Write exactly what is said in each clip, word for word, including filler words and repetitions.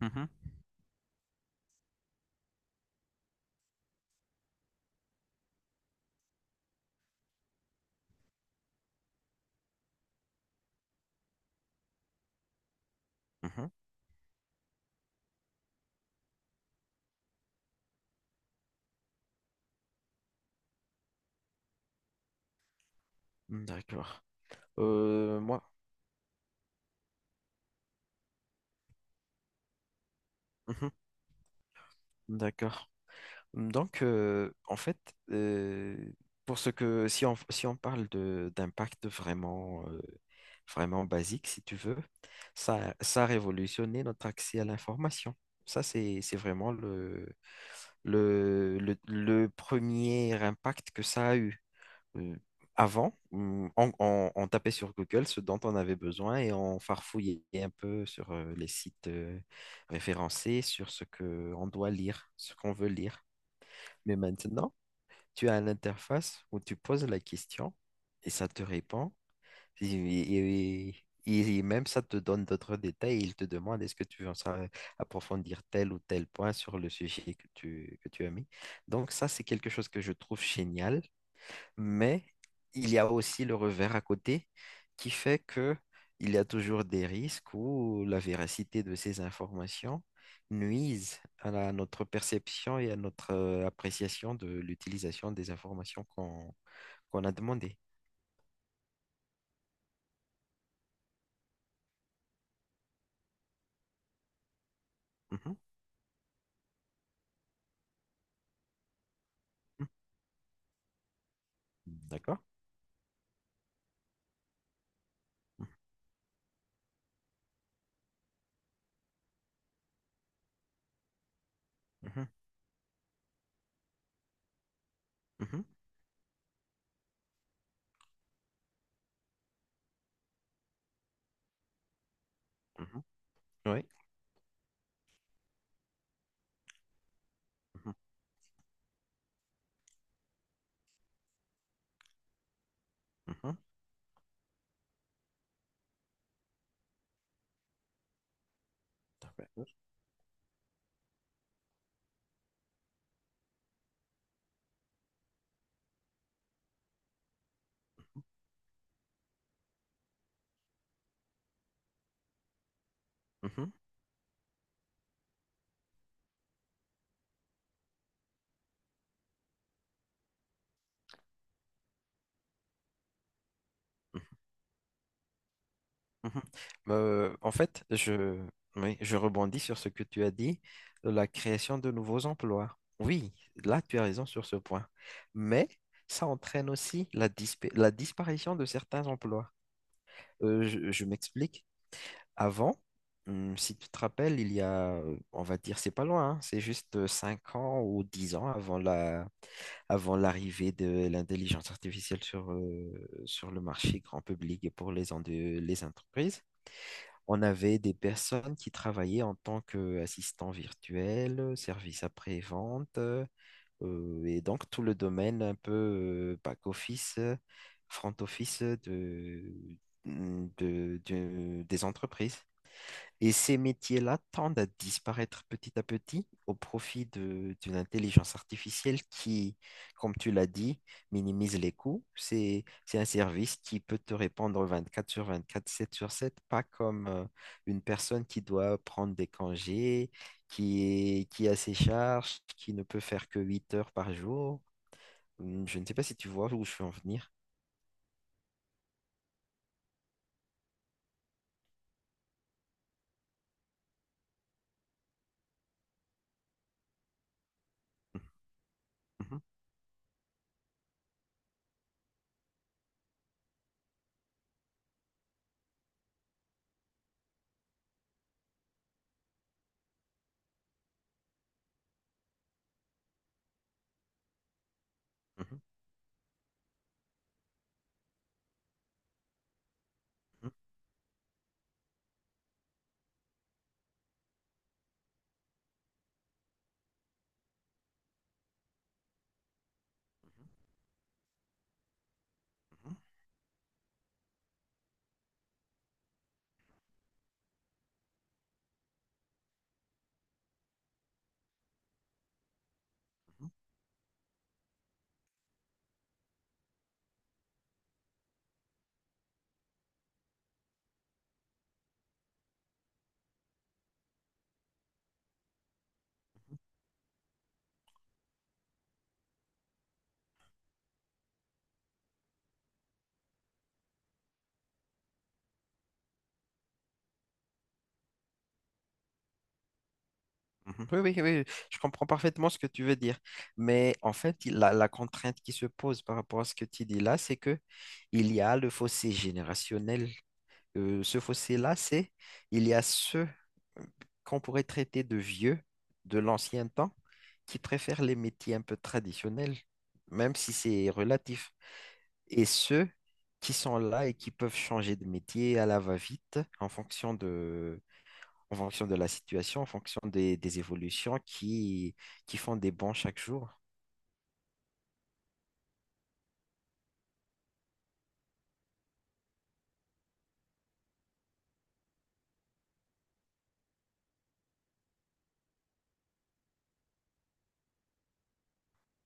Mhm, mhm, d'accord. Euh, moi. Mhm, d'accord. Donc, euh, en fait, euh, pour ce que si on si on parle de d'impact vraiment, euh, vraiment basique, si tu veux, ça ça a révolutionné notre accès à l'information. Ça, c'est c'est vraiment le le le le premier impact que ça a eu. euh, Avant, mm, on, on- on tapait sur Google ce dont on avait besoin, et on farfouillait un peu sur euh, les sites euh, référencés, sur ce que on doit lire, ce qu'on veut lire. Mais maintenant, tu as une interface où tu poses la question et ça te répond. Et, et- et- et même ça te donne d'autres détails. Il te demande est-ce que tu veux en sa- approfondir tel ou tel point sur le sujet que tu, que tu as mis. Donc ça, c'est quelque chose que je trouve génial, mais il y a aussi le revers à côté, qui fait que il y a toujours des risques où la véracité de ces informations nuise à la- notre perception et à notre euh, appréciation de l'utilisation des informations qu'on qu'on a demandées. Mhm, mhm, d'accord? Mhm, mhm, mhm, mhm, oui. Mhm, mhm, mhm, mhm. Euh, en fait, je, oui, je rebondis sur ce que tu as dit, la création de nouveaux emplois. Oui, là, tu as raison sur ce point. Mais ça entraîne aussi la, dispa- la disparition de certains emplois. Euh, je je m'explique. Avant, hum, si tu te rappelles, il y a, euh, on va dire, c'est pas loin, hein, c'est juste euh, cinq ans ou dix ans avant la, avant l'arrivée de l'intelligence artificielle sur, euh, sur le marché grand public et pour les, en- les entreprises. On avait des personnes qui travaillaient en tant qu'assistants virtuels, service après-vente, euh, euh, et donc tout le domaine un peu back-office, front-office de, de- de- des entreprises. Et ces métiers-là tendent à disparaître petit à petit au profit de- d'une intelligence artificielle qui, comme tu l'as dit, minimise les coûts. C'est, c'est un service qui peut te répondre vingt-quatre sur vingt-quatre, sept sur sept, pas comme euh, une personne qui doit prendre des congés, qui est- qui a ses charges, qui ne peut faire que huit heures par jour. Hum, Je ne sais pas si tu vois où je veux en venir. Mhm, mhm, mhm, mhm, mhm. Mhm. Oui, oui, oui, je comprends parfaitement ce que tu veux dire. Mais en fait, il- la, la contrainte qui se pose par rapport à ce que tu dis là, c'est que il y a le fossé générationnel. Euh, ce fossé-là, c'est il y a ceux euh, qu'on pourrait traiter de vieux de l'ancien temps, qui préfèrent les métiers un peu traditionnels, même si c'est relatif. Et ceux qui sont là et qui peuvent changer de métier à la va-vite, en fonction en fonction de la situation, en fonction des, des évolutions qui, qui font des bons chaque jour.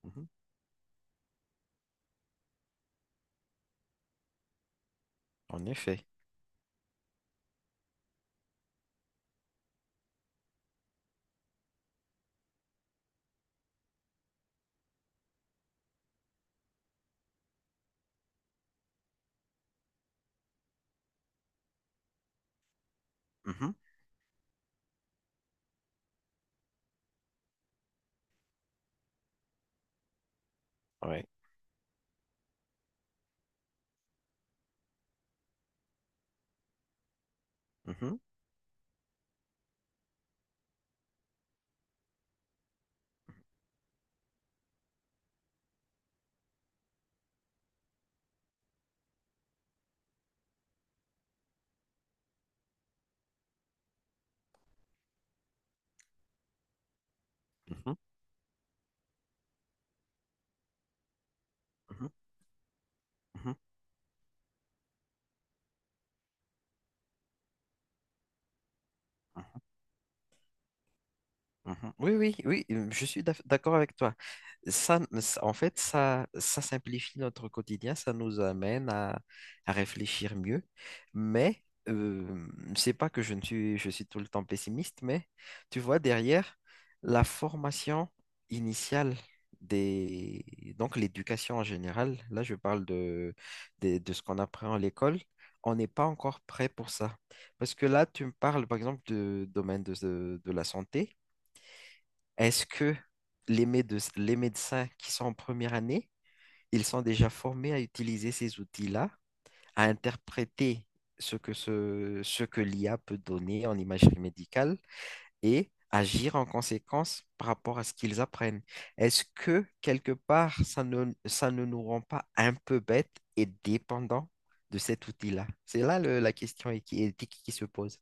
Mhm. En effet. Mhm. Ouais. Mhm. Mhm. Mhm. Mhm. Mhm. Mhm. Oui, oui, oui, euh, je suis d'ac- d'accord avec toi. Ça, ça- en fait, ça, ça simplifie notre quotidien, ça nous amène à, à réfléchir mieux. Mais euh, c'est pas que je ne suis, je suis tout le temps pessimiste, mais tu vois, derrière, la formation initiale des, donc l'éducation en général, là, je parle de, des- de ce qu'on apprend à l'école, on n'est pas encore prêt pour ça. Parce que là, tu me parles, par exemple, du domaine de de- de la santé. Est-ce que les méde- les médecins qui sont en première année, ils sont déjà formés à utiliser ces outils-là, à interpréter ce que ce, ce que l'I A peut donner en imagerie médicale et agir en conséquence par rapport à ce qu'ils apprennent? Est-ce que quelque part, ça ne, ça ne nous rend pas un peu bêtes et dépendants de cet outil-là? C'est là le- la question éthi- éthique qui se pose.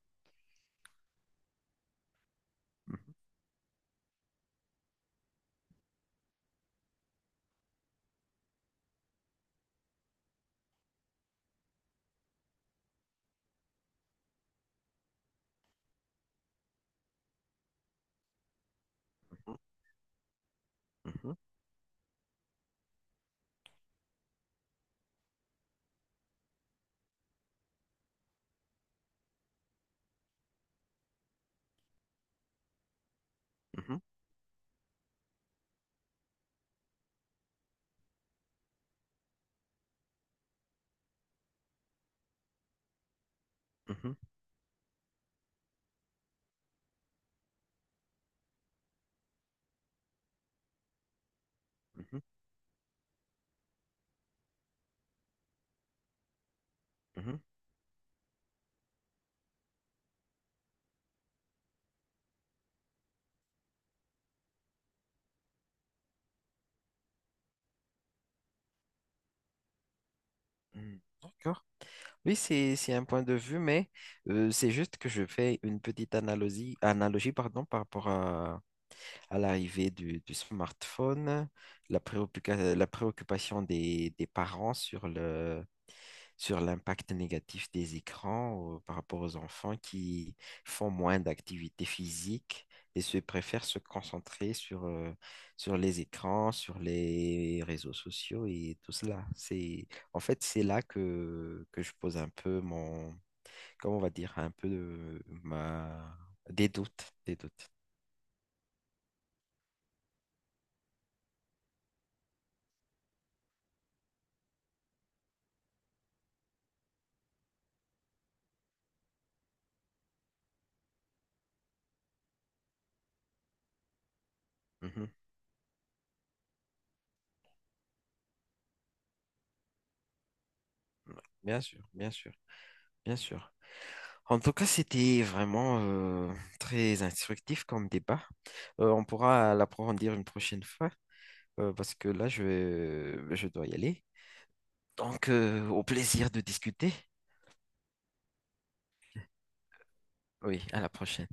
Mhm, mhm, mhm, mhm, mhm, mhm. D'accord. Oui, c'est c'est un point de vue, mais euh, c'est juste que je fais une petite analogie, analogie pardon, par rapport à, à l'arrivée du, du smartphone, la préoccupa- la préoccupation des, des parents sur le, sur l'impact négatif des écrans euh, par rapport aux enfants qui font moins d'activités physiques et se préfèrent se concentrer sur, euh, sur les écrans, sur les réseaux sociaux et tout cela. C'est, en fait, c'est là que, que je pose un peu mon, comment on va dire, un peu de, ma, des doutes, des doutes. Mhm. Bien sûr, bien sûr, bien sûr. En tout cas, c'était vraiment euh, très instructif comme débat. Euh, on pourra l'approfondir une prochaine fois euh, parce que là, je, vais- je dois y aller. Donc, euh, au plaisir de discuter. Oui, à la prochaine.